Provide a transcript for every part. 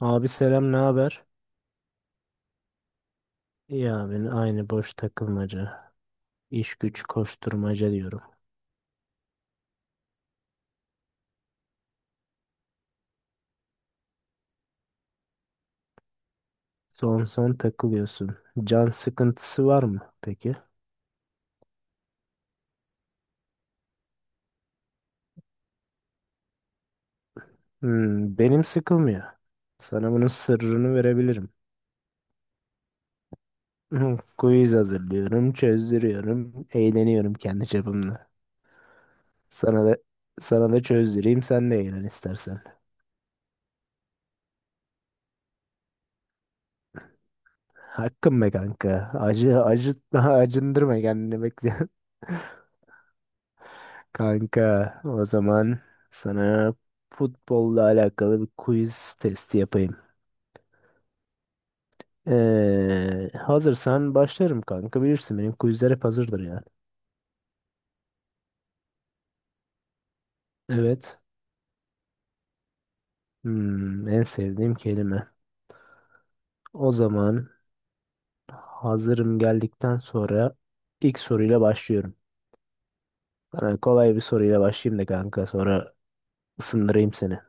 Abi selam ne haber? İyi abi aynı boş takılmaca. İş güç koşturmaca diyorum. Son son takılıyorsun. Can sıkıntısı var mı peki? Hmm, benim sıkılmıyor. Sana bunun sırrını verebilirim. Hmm, Quiz hazırlıyorum, çözdürüyorum, eğleniyorum kendi çapımla. Sana da sana da çözdüreyim sen de eğlen istersen. Hakkım be kanka. Acı acı acındırma kendini bekle. Kanka, o zaman sana futbolla alakalı bir quiz testi yapayım. Hazırsan başlarım kanka. Bilirsin benim quizler hep hazırdır yani. Evet. Hmm, en sevdiğim kelime. O zaman hazırım geldikten sonra ilk soruyla başlıyorum. Sana kolay bir soruyla başlayayım da kanka sonra ısındırayım seni.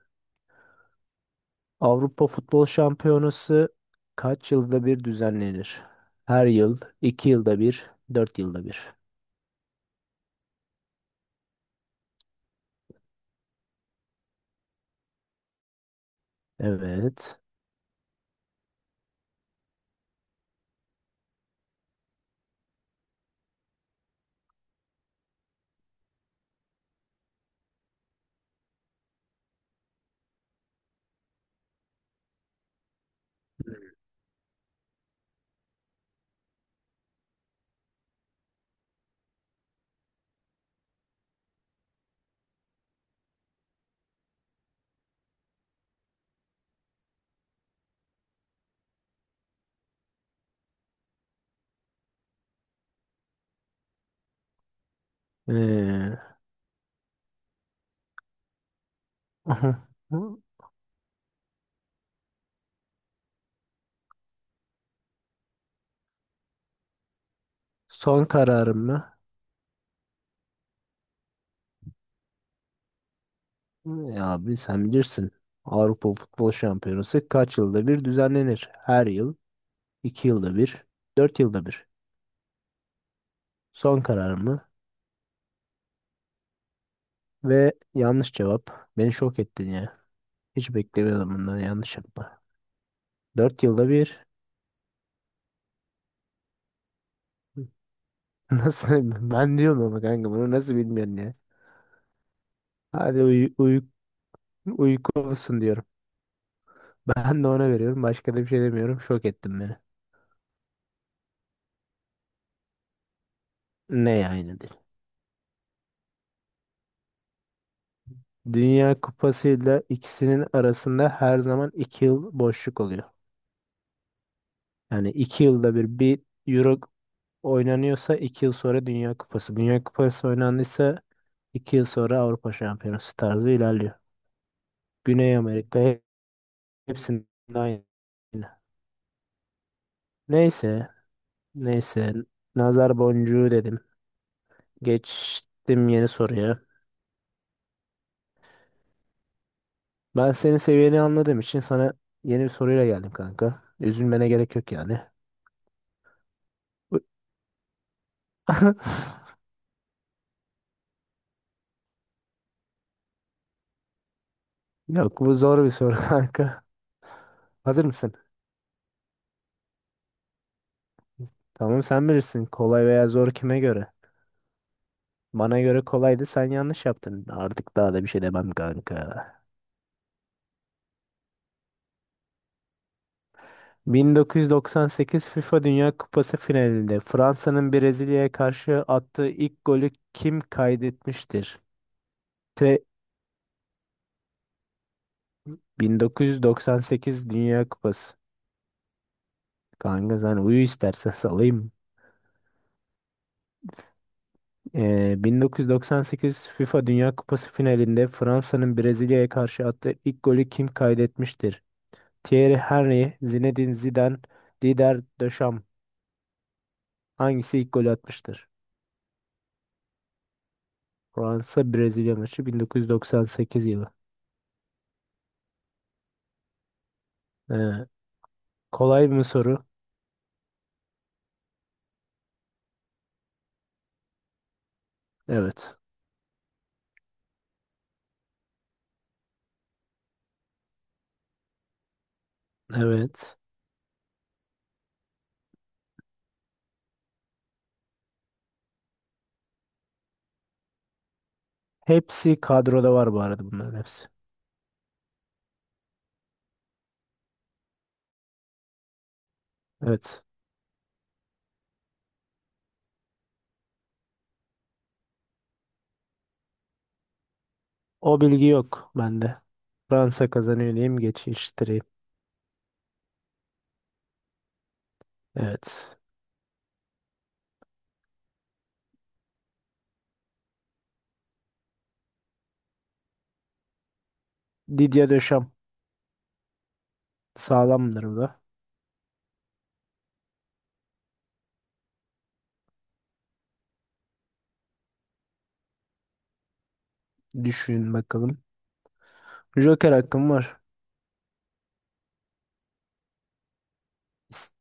Avrupa Futbol Şampiyonası kaç yılda bir düzenlenir? Her yıl, iki yılda bir, dört yılda bir. Evet. Ee, aha. Son kararım mı? Ya abi sen bilirsin. Avrupa Futbol Şampiyonası kaç yılda bir düzenlenir? Her yıl, iki yılda bir, dört yılda bir. Son kararım mı? Ve yanlış cevap. Beni şok ettin ya. Hiç beklemiyordum bundan yanlış yapma. Dört yılda bir. Nasıl? Ben diyorum ama kanka bunu nasıl bilmiyorsun ya? Hadi uy uy uykulusun diyorum. Ben de ona veriyorum. Başka da bir şey demiyorum. Şok ettin beni. Ne yani? Dünya Kupası ile ikisinin arasında her zaman iki yıl boşluk oluyor. Yani iki yılda bir Euro oynanıyorsa iki yıl sonra Dünya Kupası. Dünya Kupası oynandıysa iki yıl sonra Avrupa Şampiyonası tarzı ilerliyor. Güney Amerika hepsinde aynı. Neyse, neyse. Nazar boncuğu dedim. Geçtim yeni soruya. Ben senin seviyeni anladığım için sana yeni bir soruyla geldim kanka. Üzülmene gerek yok yani. Yok bu zor bir soru kanka. Hazır mısın? Tamam sen bilirsin. Kolay veya zor kime göre? Bana göre kolaydı sen yanlış yaptın. Artık daha da bir şey demem kanka. 1998 FIFA Dünya Kupası finalinde Fransa'nın Brezilya'ya karşı attığı ilk golü kim kaydetmiştir? T 1998 Dünya Kupası. Kanka sen uyu istersen salayım. 1998 FIFA Dünya Kupası finalinde Fransa'nın Brezilya'ya karşı attığı ilk golü kim kaydetmiştir? Thierry Henry, Zinedine Zidane, Didier Deschamps. Hangisi ilk golü atmıştır? Fransa Brezilya maçı 1998 yılı. Ee, kolay mı soru? Evet. Evet. Hepsi kadroda var bu arada bunların hepsi. Evet. O bilgi yok bende. Fransa kazanıyor diyeyim geçiştireyim. Evet. Didier Deschamps sağlamdır bu da. Düşün bakalım. Joker hakkım var. İs-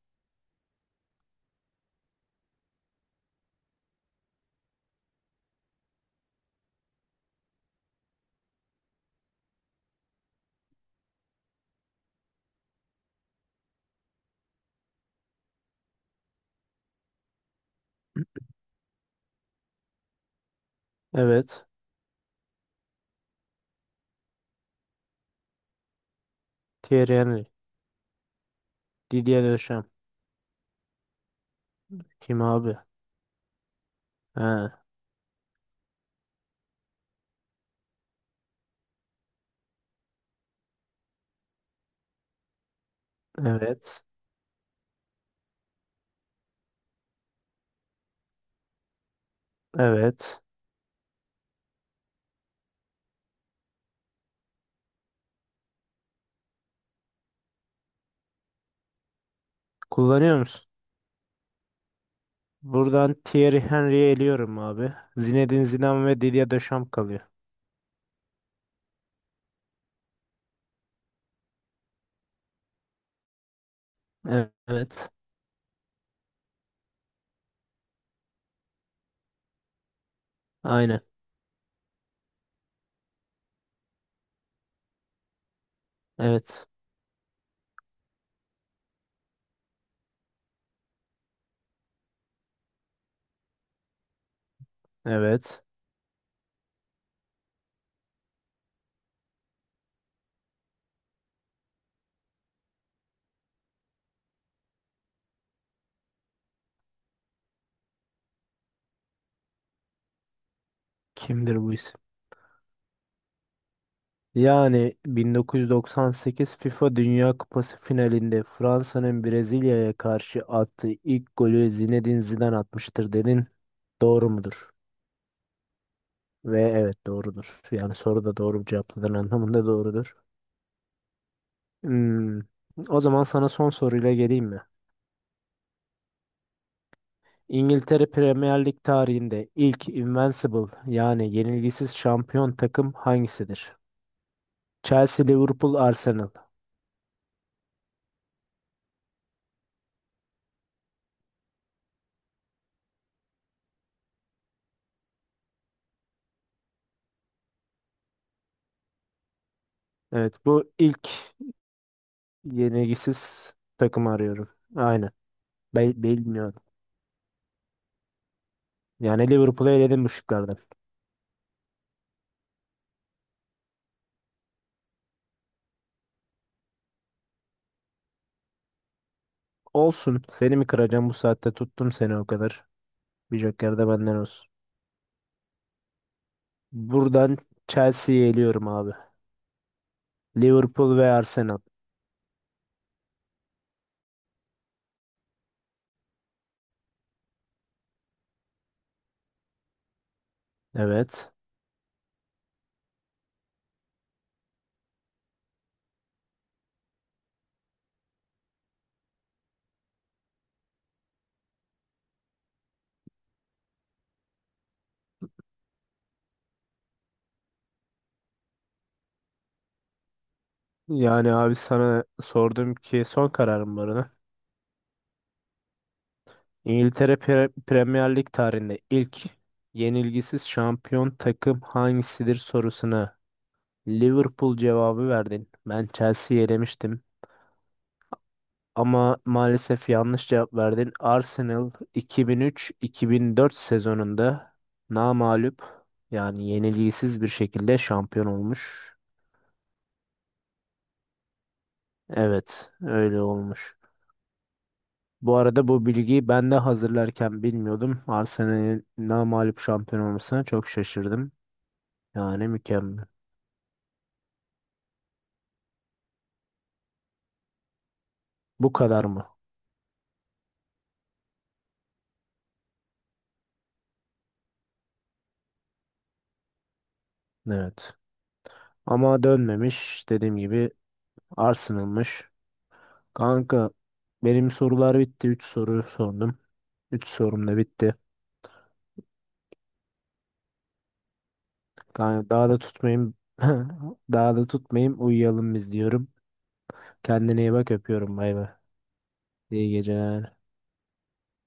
Evet. Thierry Henry. Didier Deschamps. Kim abi? Ha, evet. Evet. Kullanıyor musun? Buradan Thierry Henry'e eliyorum abi. Zinedine Zidane ve Didier Deschamps kalıyor. Evet. Aynen. Evet. Evet. Kimdir bu isim? Yani 1998 FIFA Dünya Kupası finalinde Fransa'nın Brezilya'ya karşı attığı ilk golü Zinedine Zidane atmıştır dedin. Doğru mudur? Ve evet doğrudur. Yani soru da doğru cevapladığın anlamında doğrudur. Hmm. O zaman sana son soruyla geleyim mi? İngiltere Premier Lig tarihinde ilk Invincible yani yenilgisiz şampiyon takım hangisidir? Chelsea, Liverpool, Arsenal. Evet bu ilk yenilgisiz takımı arıyorum. Aynen. Bilmiyorum. Yani Liverpool'u eledim bu şıklardan. Olsun. Seni mi kıracağım bu saatte tuttum seni o kadar. Bir joker de benden olsun. Buradan Chelsea'yi eliyorum abi. Liverpool ve Arsenal. Evet. Yani abi sana sordum ki son kararım var ona. İngiltere Premier Lig tarihinde ilk yenilgisiz şampiyon takım hangisidir sorusuna Liverpool cevabı verdin. Ben Chelsea'yi elemiştim. Ama maalesef yanlış cevap verdin. Arsenal 2003-2004 sezonunda namağlup yani yenilgisiz bir şekilde şampiyon olmuş. Evet, öyle olmuş. Bu arada bu bilgiyi ben de hazırlarken bilmiyordum. Arsenal'in namağlup şampiyon olmasına çok şaşırdım. Yani mükemmel. Bu kadar mı? Evet. Ama dönmemiş. Dediğim gibi Arsenal'mış. Kanka benim sorular bitti. 3 soru sordum. 3 sorum da bitti. Kanka daha da tutmayayım. Daha da tutmayayım. Uyuyalım biz diyorum. Kendine iyi bak öpüyorum. Bay bay. İyi geceler.